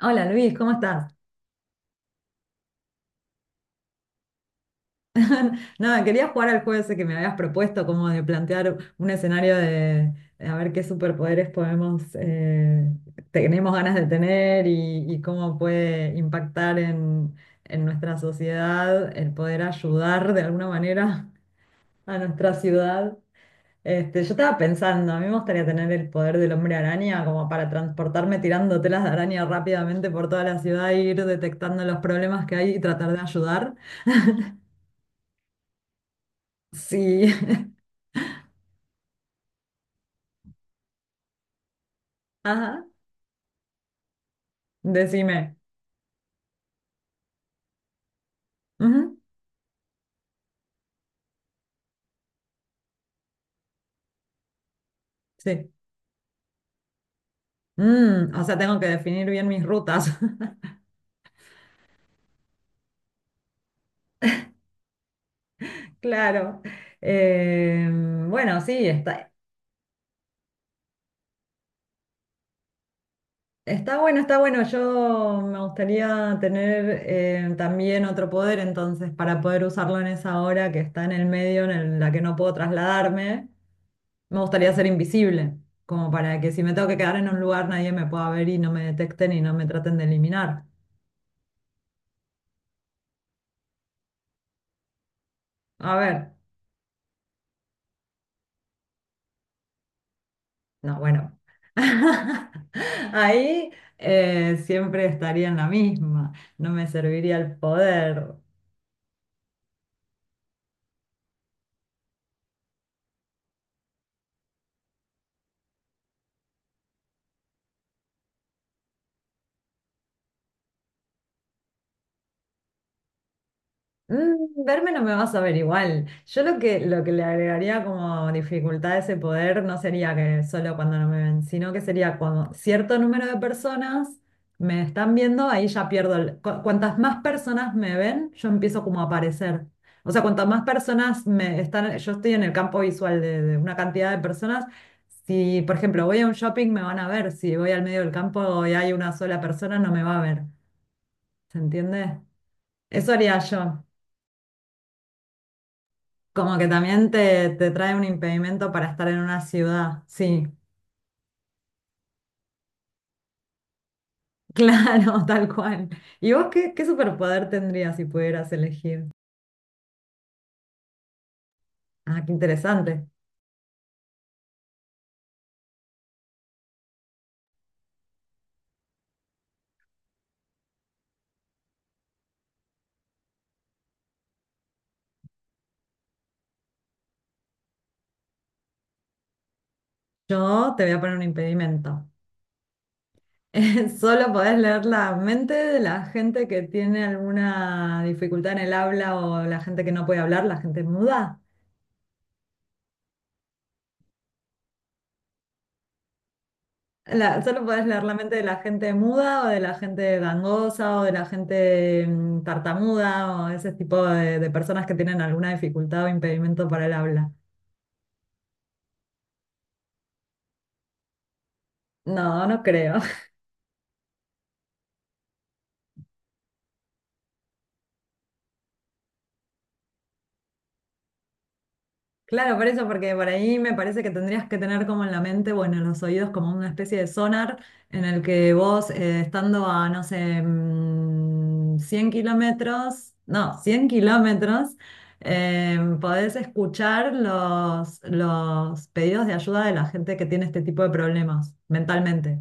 Hola Luis, ¿cómo estás? Nada, quería jugar al juego ese que me habías propuesto, como de plantear un escenario de, a ver qué superpoderes podemos, tenemos ganas de tener y cómo puede impactar en nuestra sociedad el poder ayudar de alguna manera a nuestra ciudad. Este, yo estaba pensando, a mí me gustaría tener el poder del hombre araña como para transportarme tirando telas de araña rápidamente por toda la ciudad e ir detectando los problemas que hay y tratar de ayudar. Sí. Ajá, decime. Ujú. Sí. O sea, tengo que definir bien mis rutas. Claro. Eh, bueno, sí, está bueno, está bueno. Yo me gustaría tener también otro poder, entonces, para poder usarlo en esa hora que está en el medio, la que no puedo trasladarme, me gustaría ser invisible, como para que si me tengo que quedar en un lugar, nadie me pueda ver y no me detecten y no me traten de eliminar. A ver. No, bueno, ahí siempre estaría en la misma, no me serviría el poder. Mm, Verme no me vas a ver igual. Yo lo que le agregaría como dificultad a ese poder no sería que solo cuando no me ven, sino que sería cuando cierto número de personas me están viendo, ahí ya pierdo. El- cu- cuantas más personas me ven, yo empiezo como a aparecer. O sea, cuantas más personas me están, yo estoy en el campo visual de una cantidad de personas. Si, por ejemplo, voy a un shopping, me van a ver. Si voy al medio del campo y hay una sola persona, no me va a ver. ¿Se entiende? Eso haría yo. Como que también te trae un impedimento para estar en una ciudad. Sí, claro, tal cual. ¿Y vos qué superpoder tendrías si pudieras elegir? Ah, qué interesante. Yo te voy a poner un impedimento. Solo podés leer la mente de la gente que tiene alguna dificultad en el habla o la gente que no puede hablar, la gente muda. La- solo podés leer la mente de la gente muda o de la gente gangosa o de la gente tartamuda o ese tipo de personas que tienen alguna dificultad o impedimento para el habla. No, no creo. Claro, por eso, porque por ahí me parece que tendrías que tener como en la mente, bueno, los oídos como una especie de sonar en el que vos estando a, no sé, 100 kilómetros, no, 100 kilómetros, podés escuchar los pedidos de ayuda de la gente que tiene este tipo de problemas mentalmente.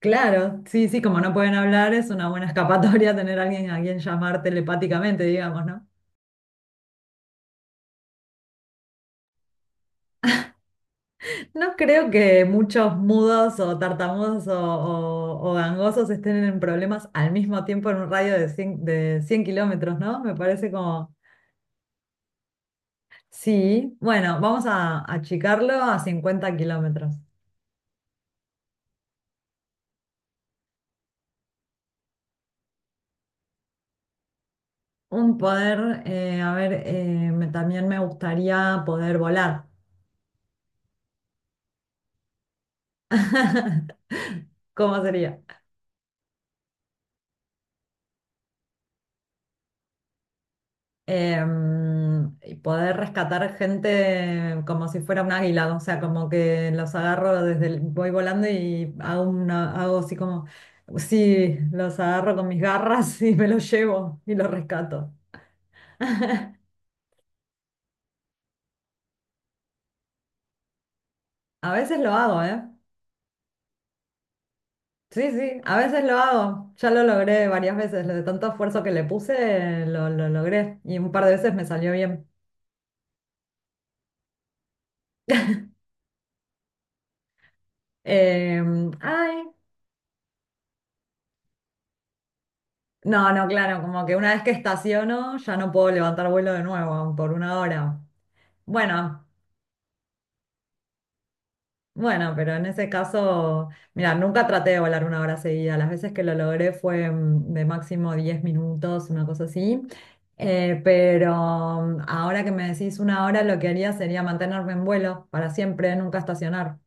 Claro, sí, sí, como no pueden hablar, es una buena escapatoria tener a alguien a quien llamar telepáticamente, digamos, ¿no? No creo que muchos mudos o tartamudos o gangosos estén en problemas al mismo tiempo en un radio de 100 de 100 kilómetros, ¿no? Me parece como, sí, bueno, vamos a achicarlo a 50 kilómetros. Un poder, a ver, también me gustaría poder volar. ¿Cómo sería? Y poder rescatar gente como si fuera un águila, o sea, como que los agarro desde el- voy volando y hago hago así como, sí, los agarro con mis garras y me los llevo y los rescato. A veces lo hago, ¿eh? Sí, sí, a veces lo hago. Ya lo logré varias veces, lo de tanto esfuerzo que le puse, lo logré y un par de veces me salió bien. Em, ay, No, no, claro, como que una vez que estaciono ya no puedo levantar vuelo de nuevo por una hora. Bueno, bueno, pero en ese caso, mira, nunca traté de volar una hora seguida. Las veces que lo logré fue de máximo 10 minutos, una cosa así. Eh, pero Ahora que me decís una hora, lo que haría sería mantenerme en vuelo para siempre, nunca estacionar.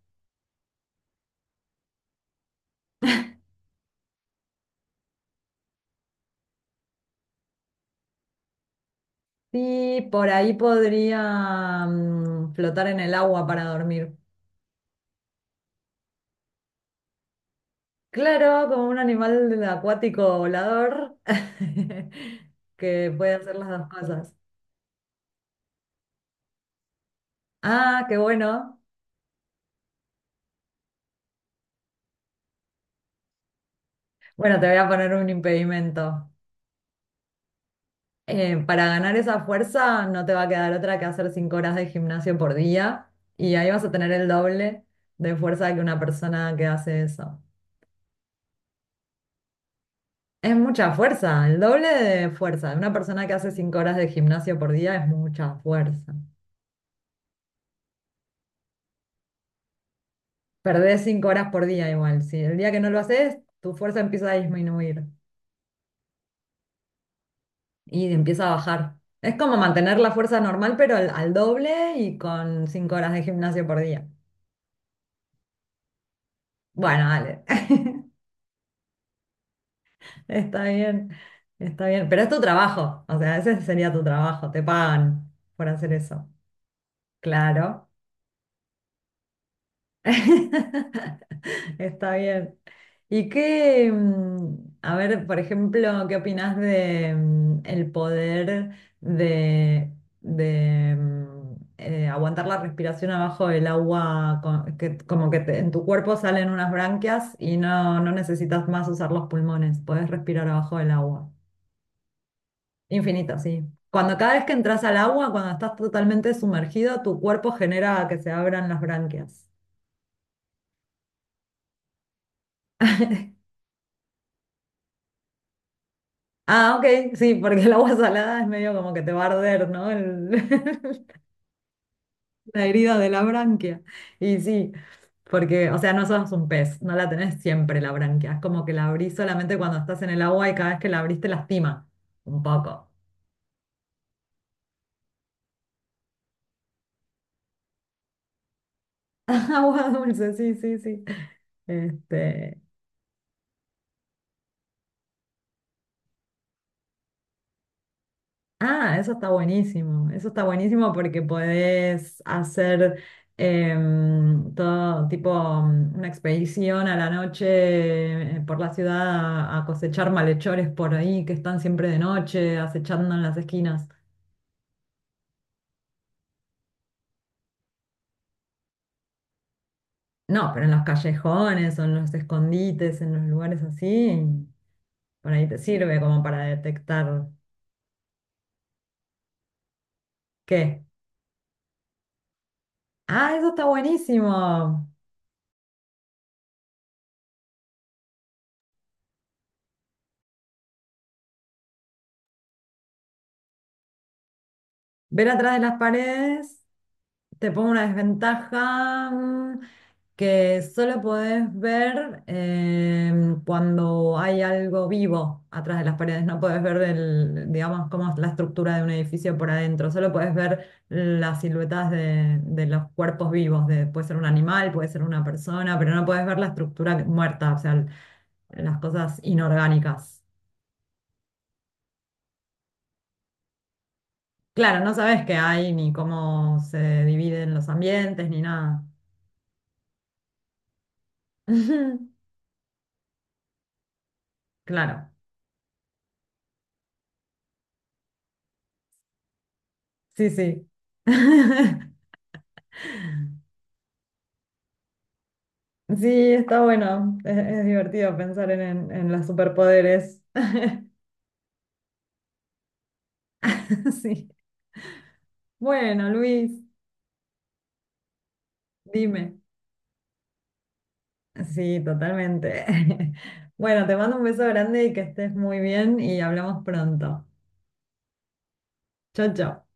Sí, por ahí podría flotar en el agua para dormir. Claro, como un animal acuático volador que puede hacer las dos cosas. Ah, qué bueno. Bueno, te voy a poner un impedimento. Para ganar esa fuerza no te va a quedar otra que hacer 5 horas de gimnasio por día y ahí vas a tener el doble de fuerza que una persona que hace eso. Es mucha fuerza, el doble de fuerza. Una persona que hace 5 horas de gimnasio por día es mucha fuerza. Perdés 5 horas por día igual. Si el día que no lo haces, tu fuerza empieza a disminuir. Y empieza a bajar. Es como mantener la fuerza normal, pero al doble y con 5 horas de gimnasio por día. Bueno, dale, está bien, está bien, pero es tu trabajo, o sea, ese sería tu trabajo, te pagan por hacer eso. Claro. Está bien. ¿Y qué, a ver, por ejemplo, qué opinas de el poder de, aguantar la respiración abajo del agua, co- que, como que te- en tu cuerpo salen unas branquias y no necesitas más usar los pulmones, podés respirar abajo del agua. Infinito, sí. Cuando cada vez que entras al agua, cuando estás totalmente sumergido, tu cuerpo genera que se abran las branquias. Ah, ok, sí, porque el agua salada es medio como que te va a arder, ¿no? El- la herida de la branquia. Y sí, porque, o sea, no sos un pez, no la tenés siempre la branquia. Es como que la abrís solamente cuando estás en el agua y cada vez que la abrís te lastima un poco. Agua dulce, sí, sí, sí. Este, Ah, eso está buenísimo. Eso está buenísimo porque podés hacer todo tipo una expedición a la noche por la ciudad a cosechar malhechores por ahí que están siempre de noche acechando en las esquinas. No, pero en los callejones o en los escondites, en los lugares así, por ahí te sirve como para detectar qué. Ah, eso está buenísimo. Ver atrás de las paredes. Te pongo una desventaja que solo podés ver cuando hay algo vivo atrás de las paredes. No podés ver el, digamos, cómo es la estructura de un edificio por adentro. Solo podés ver las siluetas de los cuerpos vivos. De- puede ser un animal, puede ser una persona, pero no podés ver la estructura muerta, o sea, el- las cosas inorgánicas. Claro, no sabes qué hay, ni cómo se dividen los ambientes, ni nada. Claro. Sí, sí. Sí, está bueno. Es divertido pensar en los superpoderes. Sí. Bueno, Luis, dime. Sí, totalmente. Bueno, te mando un beso grande y que estés muy bien y hablamos pronto. Chao, chao.